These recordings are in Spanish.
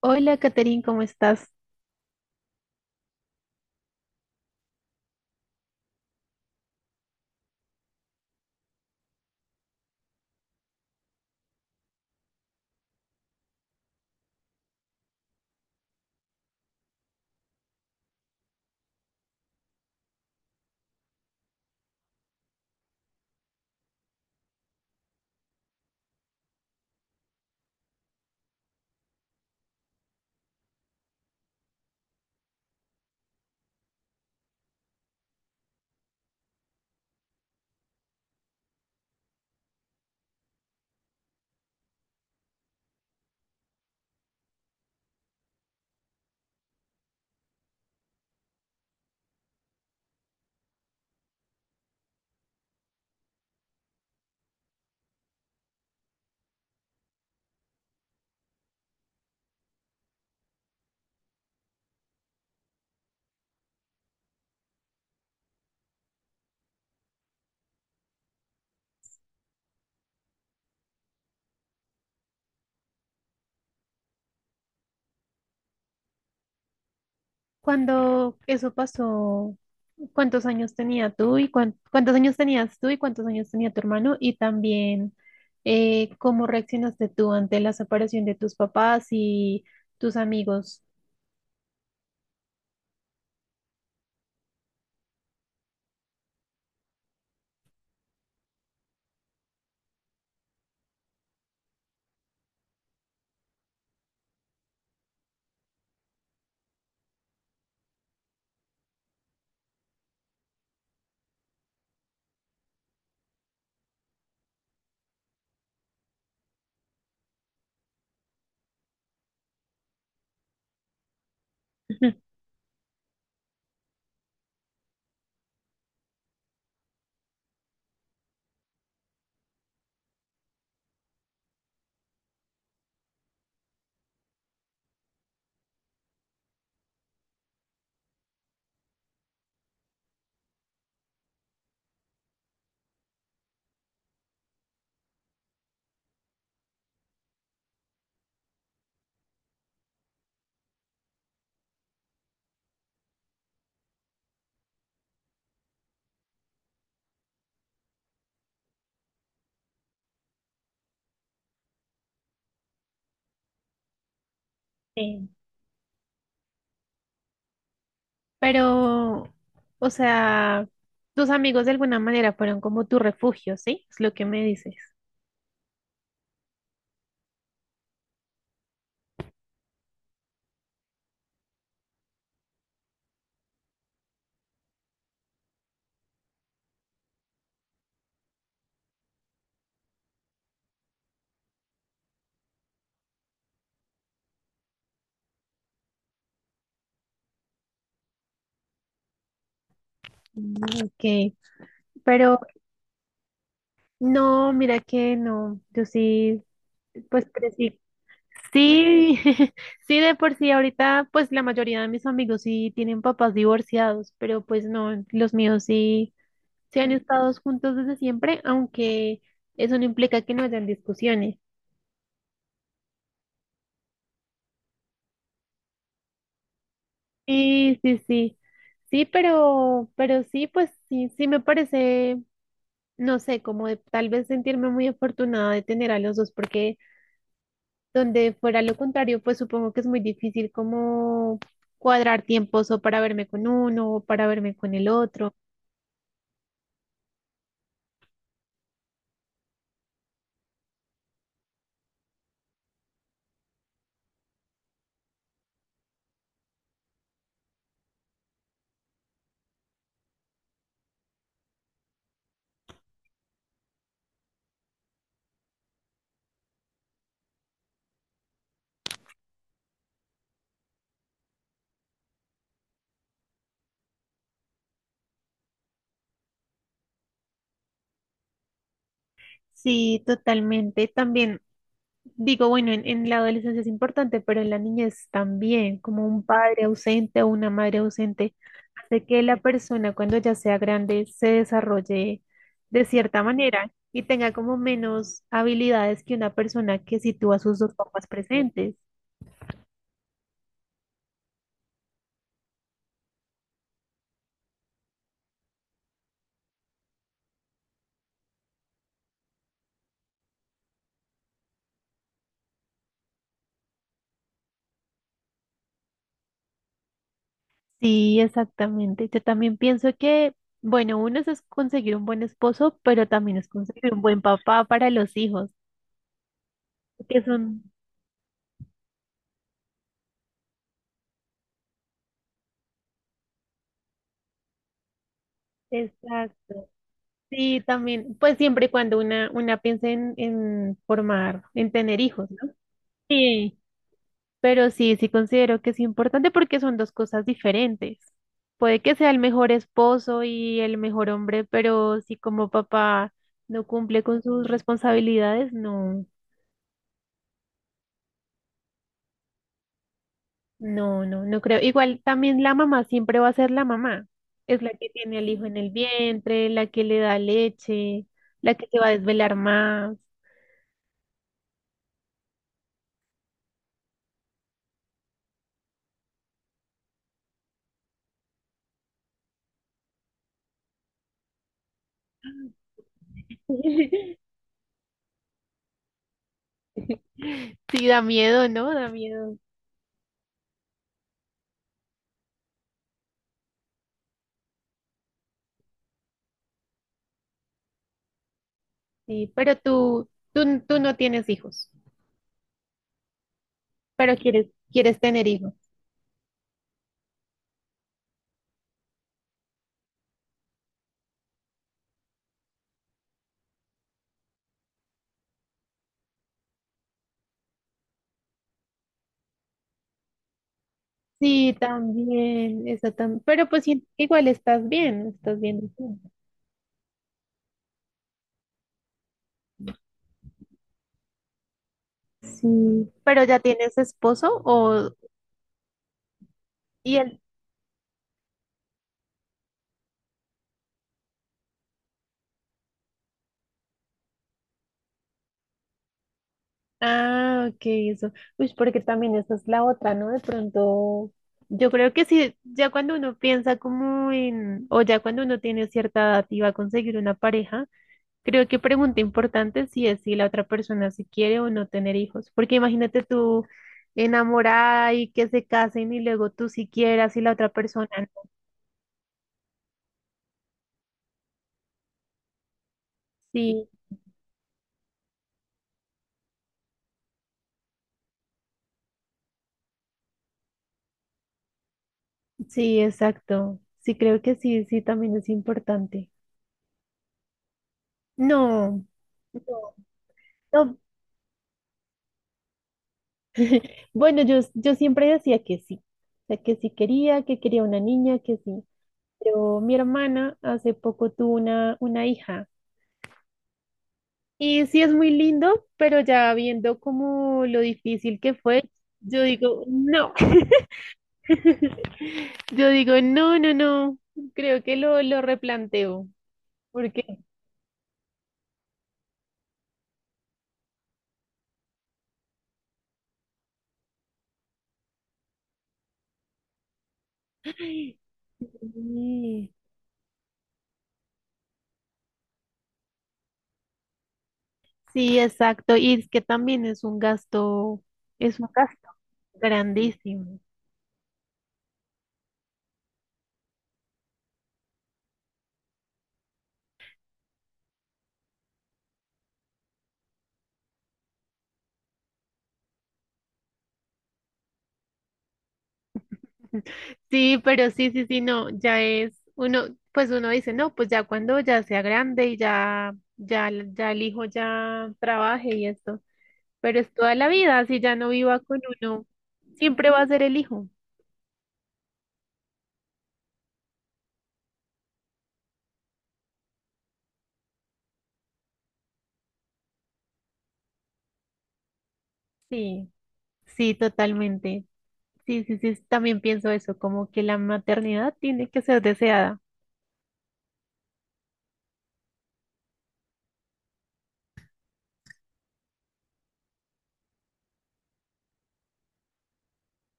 Hola, Caterín, ¿cómo estás? Cuando eso pasó, ¿cuántos años tenía tú y cuántos años tenías tú y cuántos años tenía tu hermano? Y también, ¿cómo reaccionaste tú ante la separación de tus papás y tus amigos? Sí. Pero, o sea, tus amigos de alguna manera fueron como tu refugio, ¿sí? Es lo que me dices. Mm, ok, pero no, mira que no, yo sí, pues crecí. Sí, sí, de por sí ahorita pues la mayoría de mis amigos sí tienen papás divorciados, pero pues no, los míos sí, sí han estado juntos desde siempre, aunque eso no implica que no hayan discusiones. Sí, sí, sí, sí, pero sí, pues sí, sí me parece, no sé, como de tal vez sentirme muy afortunada de tener a los dos, porque donde fuera lo contrario, pues supongo que es muy difícil como cuadrar tiempos o para verme con uno o para verme con el otro. Sí, totalmente. También digo, bueno, en la adolescencia es importante, pero en la niñez también, como un padre ausente o una madre ausente, hace que la persona cuando ya sea grande se desarrolle de cierta manera y tenga como menos habilidades que una persona que sitúa a sus dos papás presentes. Sí, exactamente. Yo también pienso que, bueno, uno es conseguir un buen esposo, pero también es conseguir un buen papá para los hijos, que son... Exacto. Sí, también, pues siempre y cuando una piense en, formar, en tener hijos, ¿no? Sí, pero sí, sí considero que es importante porque son dos cosas diferentes. Puede que sea el mejor esposo y el mejor hombre, pero si como papá no cumple con sus responsabilidades, no, no, no, no creo. Igual también la mamá siempre va a ser la mamá. Es la que tiene al hijo en el vientre, la que le da leche, la que se va a desvelar más. Sí, da miedo, ¿no? Da miedo. Sí, pero tú no tienes hijos, pero quieres, quieres tener hijos. Sí, también, eso también. Pero pues sí, igual estás bien, estás bien. Sí, pero ya tienes esposo o y él. Ah, ok, eso. Uy, porque también esa es la otra, ¿no? De pronto, yo creo que sí, ya cuando uno piensa como en, o ya cuando uno tiene cierta edad y va a conseguir una pareja. Creo que pregunta importante sí es si la otra persona si quiere o no tener hijos, porque imagínate tú enamorada y que se casen y luego tú si quieras y la otra persona no. Sí, sí, exacto. Sí, creo que sí, sí, también es importante. No, no, no. Bueno, yo siempre decía que sí, o sea, que sí quería, que quería una niña, que sí. Pero mi hermana hace poco tuvo una hija. Y sí es muy lindo, pero ya viendo como lo difícil que fue, yo digo, no, yo digo, no, no, no, creo que lo replanteo, porque ay, sí, sí, exacto, y es que también es un gasto grandísimo. Sí, pero sí, sí, sí, no, ya es uno, pues uno dice, no, pues ya cuando ya sea grande y ya, ya, ya el hijo ya trabaje y esto. Pero es toda la vida, si ya no viva con uno, siempre va a ser el hijo. Sí, sí, totalmente. Sí, sí, sí, también pienso eso, como que la maternidad tiene que ser deseada.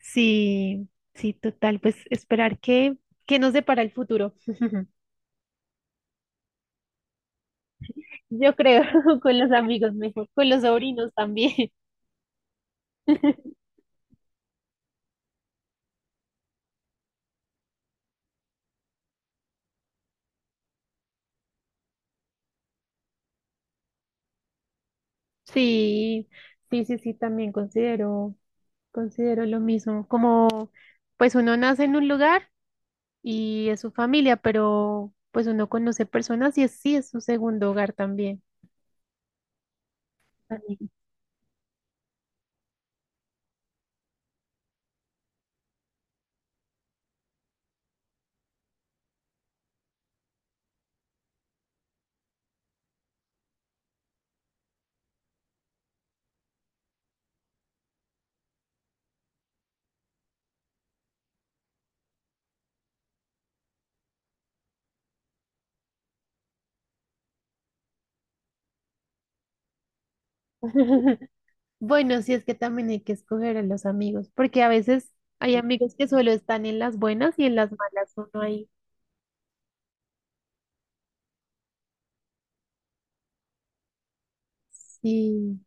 Sí, sí, total, pues esperar que nos depara el futuro. Yo creo, con los amigos mejor, con los sobrinos también. Sí, sí, sí, sí, también considero, considero lo mismo, como pues uno nace en un lugar y es su familia, pero pues uno conoce personas y es, sí es su segundo hogar también. Amigo. Bueno, sí es que también hay que escoger a los amigos, porque a veces hay amigos que solo están en las buenas y en las malas uno ahí. Sí,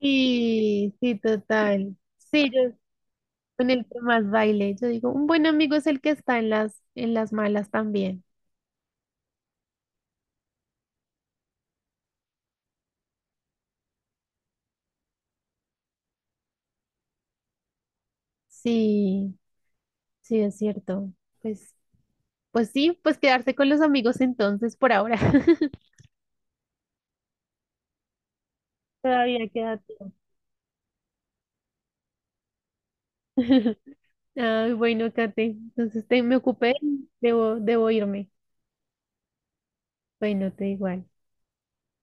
sí, sí, total. Sí, yo con el que más baile, yo digo, un buen amigo es el que está en en las malas también. Sí, sí, es cierto. Pues, pues sí, pues quedarse con los amigos entonces por ahora. Todavía queda tiempo. Ay, bueno, Kate, entonces me ocupé, debo, debo irme. Bueno, te igual.